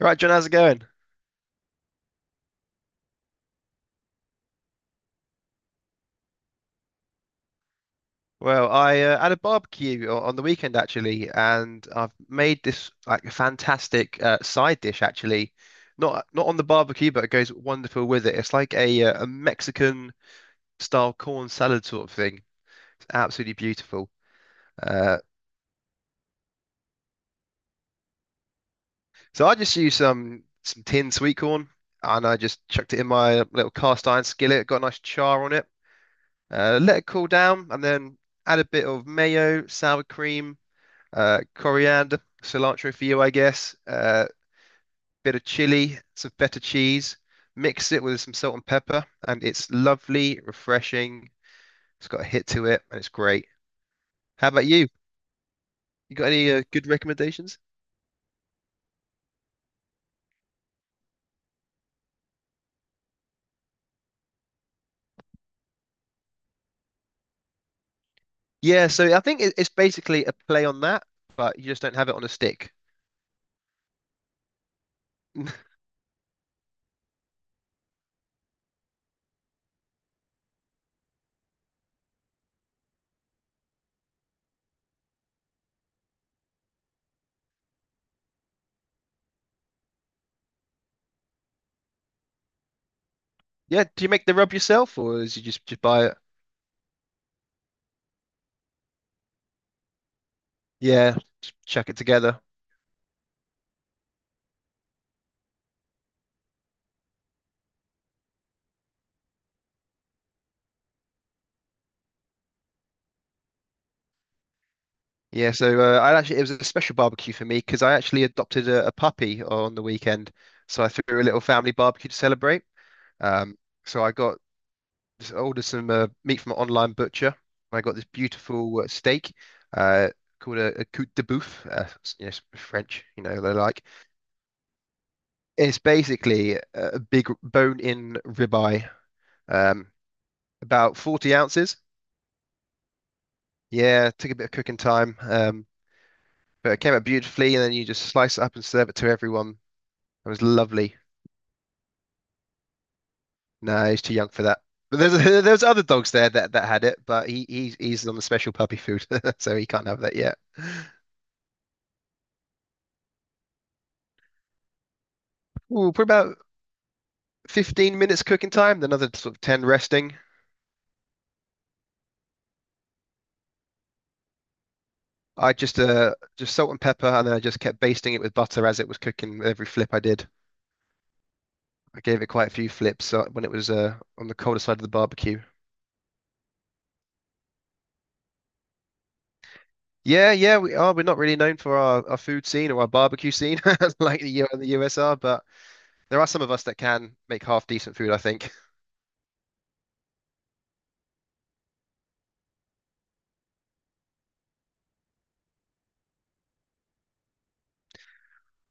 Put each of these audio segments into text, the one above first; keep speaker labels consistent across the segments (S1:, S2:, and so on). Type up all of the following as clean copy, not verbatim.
S1: Right, John, how's it going? Well, I had a barbecue on the weekend actually, and I've made this like fantastic side dish actually. Not on the barbecue, but it goes wonderful with it. It's like a Mexican style corn salad sort of thing. It's absolutely beautiful. Uh, so I just used some tinned sweet corn, and I just chucked it in my little cast iron skillet. Got a nice char on it. Let it cool down, and then add a bit of mayo, sour cream, coriander, cilantro for you, I guess, bit of chili, some feta cheese, mix it with some salt and pepper, and it's lovely, refreshing. It's got a hit to it, and it's great. How about you? You got any good recommendations? Yeah, so I think it's basically a play on that, but you just don't have it on a stick. Yeah, do you make the rub yourself, or is you just buy it? Yeah, just chuck it together. Yeah, so I actually it was a special barbecue for me because I actually adopted a puppy on the weekend. So I threw a little family barbecue to celebrate. Um, so I got ordered some meat from an online butcher. I got this beautiful steak uh, called a côte de bœuf. You know, French, you know, they like. It's basically a big bone-in ribeye, um, about 40 ounces. Yeah, took a bit of cooking time, but it came out beautifully. And then you just slice it up and serve it to everyone. It was lovely. No, he's too young for that. But there's there's other dogs there that had it, but he's on the special puppy food, so he can't have that yet. Ooh, put about 15 minutes cooking time, then another sort of 10 resting. I just salt and pepper, and then I just kept basting it with butter as it was cooking with every flip I did. I gave it quite a few flips when it was on the colder side of the barbecue. Yeah, yeah, we are. We're not really known for our food scene or our barbecue scene like the US are, but there are some of us that can make half decent food, I think.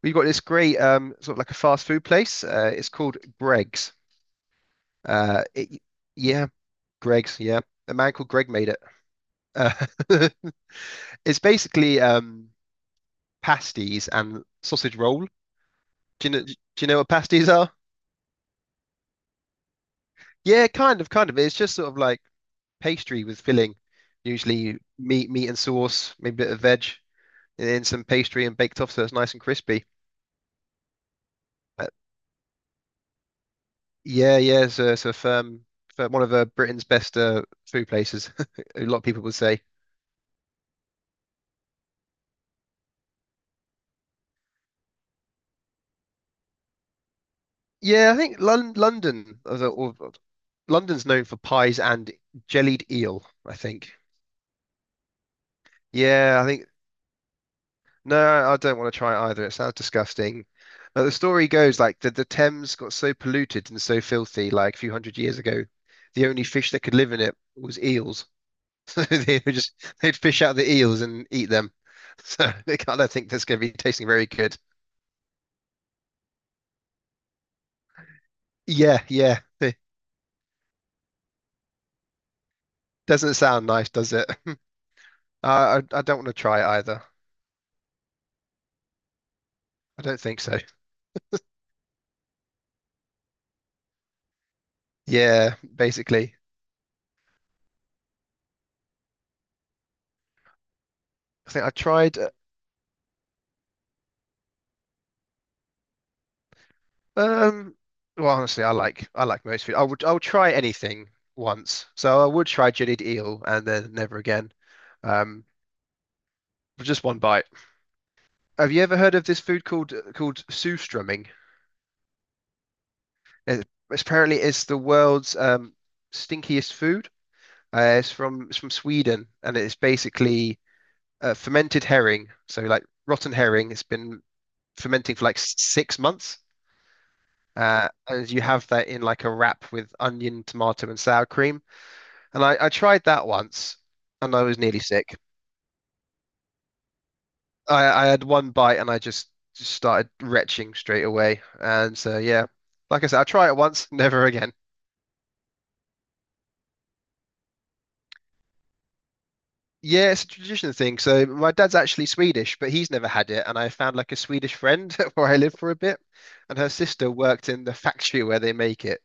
S1: We've got this great sort of like a fast food place. It's called Greg's. Uh, it, yeah, Greg's. Yeah, a man called Greg made it. Uh, it's basically pasties and sausage roll. Do you know what pasties are? Yeah, kind of. It's just sort of like pastry with filling, usually meat and sauce, maybe a bit of veg, and then some pastry and baked off, so it's nice and crispy. Uh, yeah. So firm, one of Britain's best food places. A lot of people would say. Yeah, I think London, the- or London's known for pies and jellied eel, I think. Yeah, I think no, I don't want to try it either. It sounds disgusting. But the story goes like the Thames got so polluted and so filthy like a few hundred years ago, the only fish that could live in it was eels. So they would just they'd fish out the eels and eat them. So they can't, I don't think that's going to be tasting very good. Yeah, yeah. It doesn't sound nice, does it? I don't want to try it either. I don't think so. Yeah, basically. I think I tried um well honestly I like most food. I would try anything once. So I would try jellied eel and then never again. Um for just one bite. Have you ever heard of this food called Surströmming? It's apparently it's the world's stinkiest food. It's from Sweden and it's basically fermented herring. So like rotten herring, it's been fermenting for like 6 months. As you have that in like a wrap with onion, tomato, and sour cream. And I tried that once and I was nearly sick. I had one bite and just started retching straight away. And so, yeah, like I said, I try it once, never again. Yeah, it's a traditional thing. So my dad's actually Swedish, but he's never had it. And I found like a Swedish friend where I lived for a bit, and her sister worked in the factory where they make it.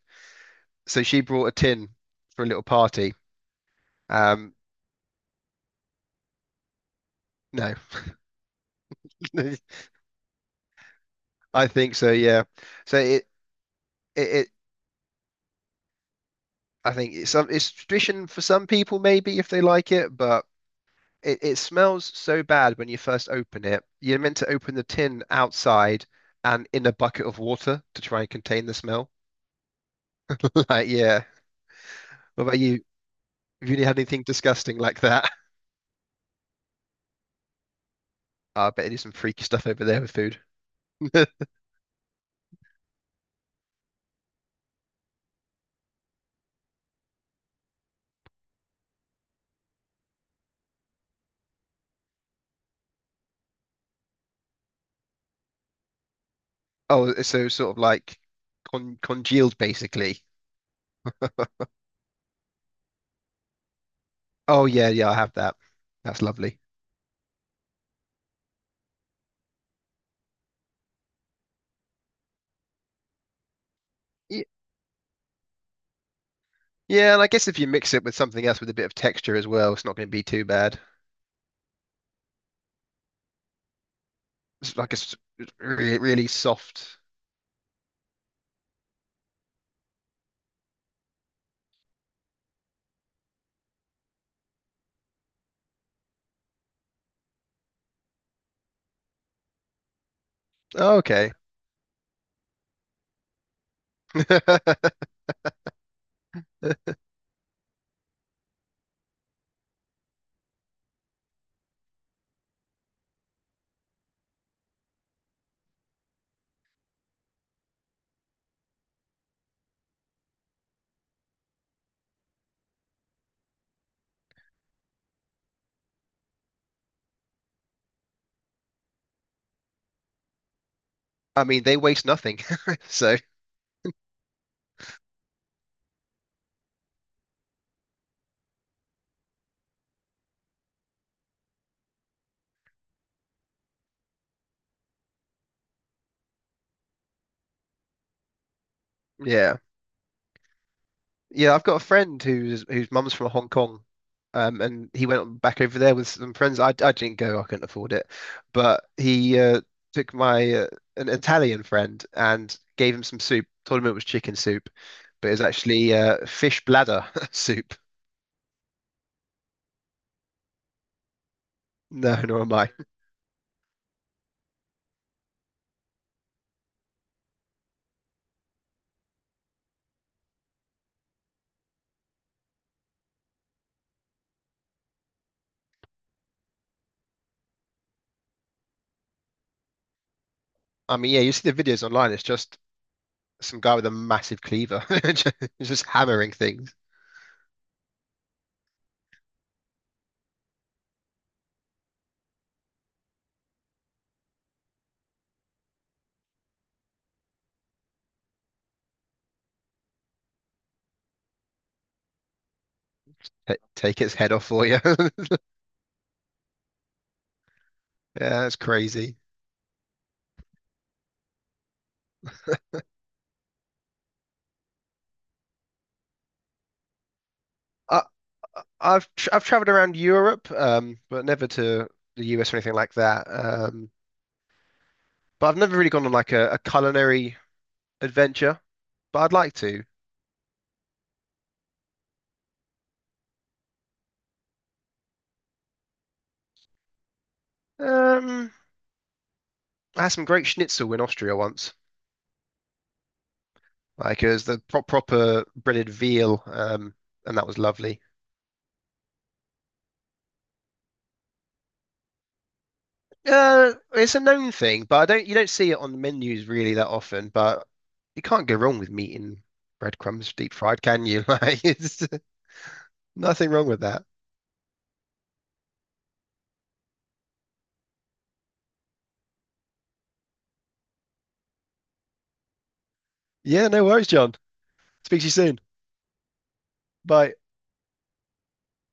S1: So she brought a tin for a little party. Um, no, I think so, yeah. So it I think it's some it's tradition for some people maybe if they like it, but it smells so bad when you first open it. You're meant to open the tin outside and in a bucket of water to try and contain the smell. Like, yeah. What about you? Have you really had anything disgusting like that? I bet you do some freaky stuff over there with food. Oh, so sort of like congealed basically. Oh yeah, yeah, I have that. That's lovely. Ye- Yeah, and I guess if you mix it with something else with a bit of texture as well, it's not going to be too bad. It's like really, really soft. Oh, okay. I mean, they waste nothing. So, yeah. Yeah, I've got a friend who's whose mum's from Hong Kong, and he went back over there with some friends. I didn't go, I couldn't afford it, but he took my an Italian friend and gave him some soup. Told him it was chicken soup, but it was actually fish bladder soup. No, nor am I. I mean, yeah, you see the videos online. It's just some guy with a massive cleaver, just just hammering things. Take its head off for you. Yeah, that's crazy. I, I've tr I've traveled around Europe, but never to the US or anything like that. But I've never really gone on like a culinary adventure, but I'd like to. Um, I had some great schnitzel in Austria once, like it was the proper breaded veal, and that was lovely. It's a known thing, but I don't you don't see it on the menus really that often. But you can't go wrong with meat and breadcrumbs deep fried, can you? Like, it's nothing wrong with that. Yeah, no worries, John. Speak to you soon. Bye.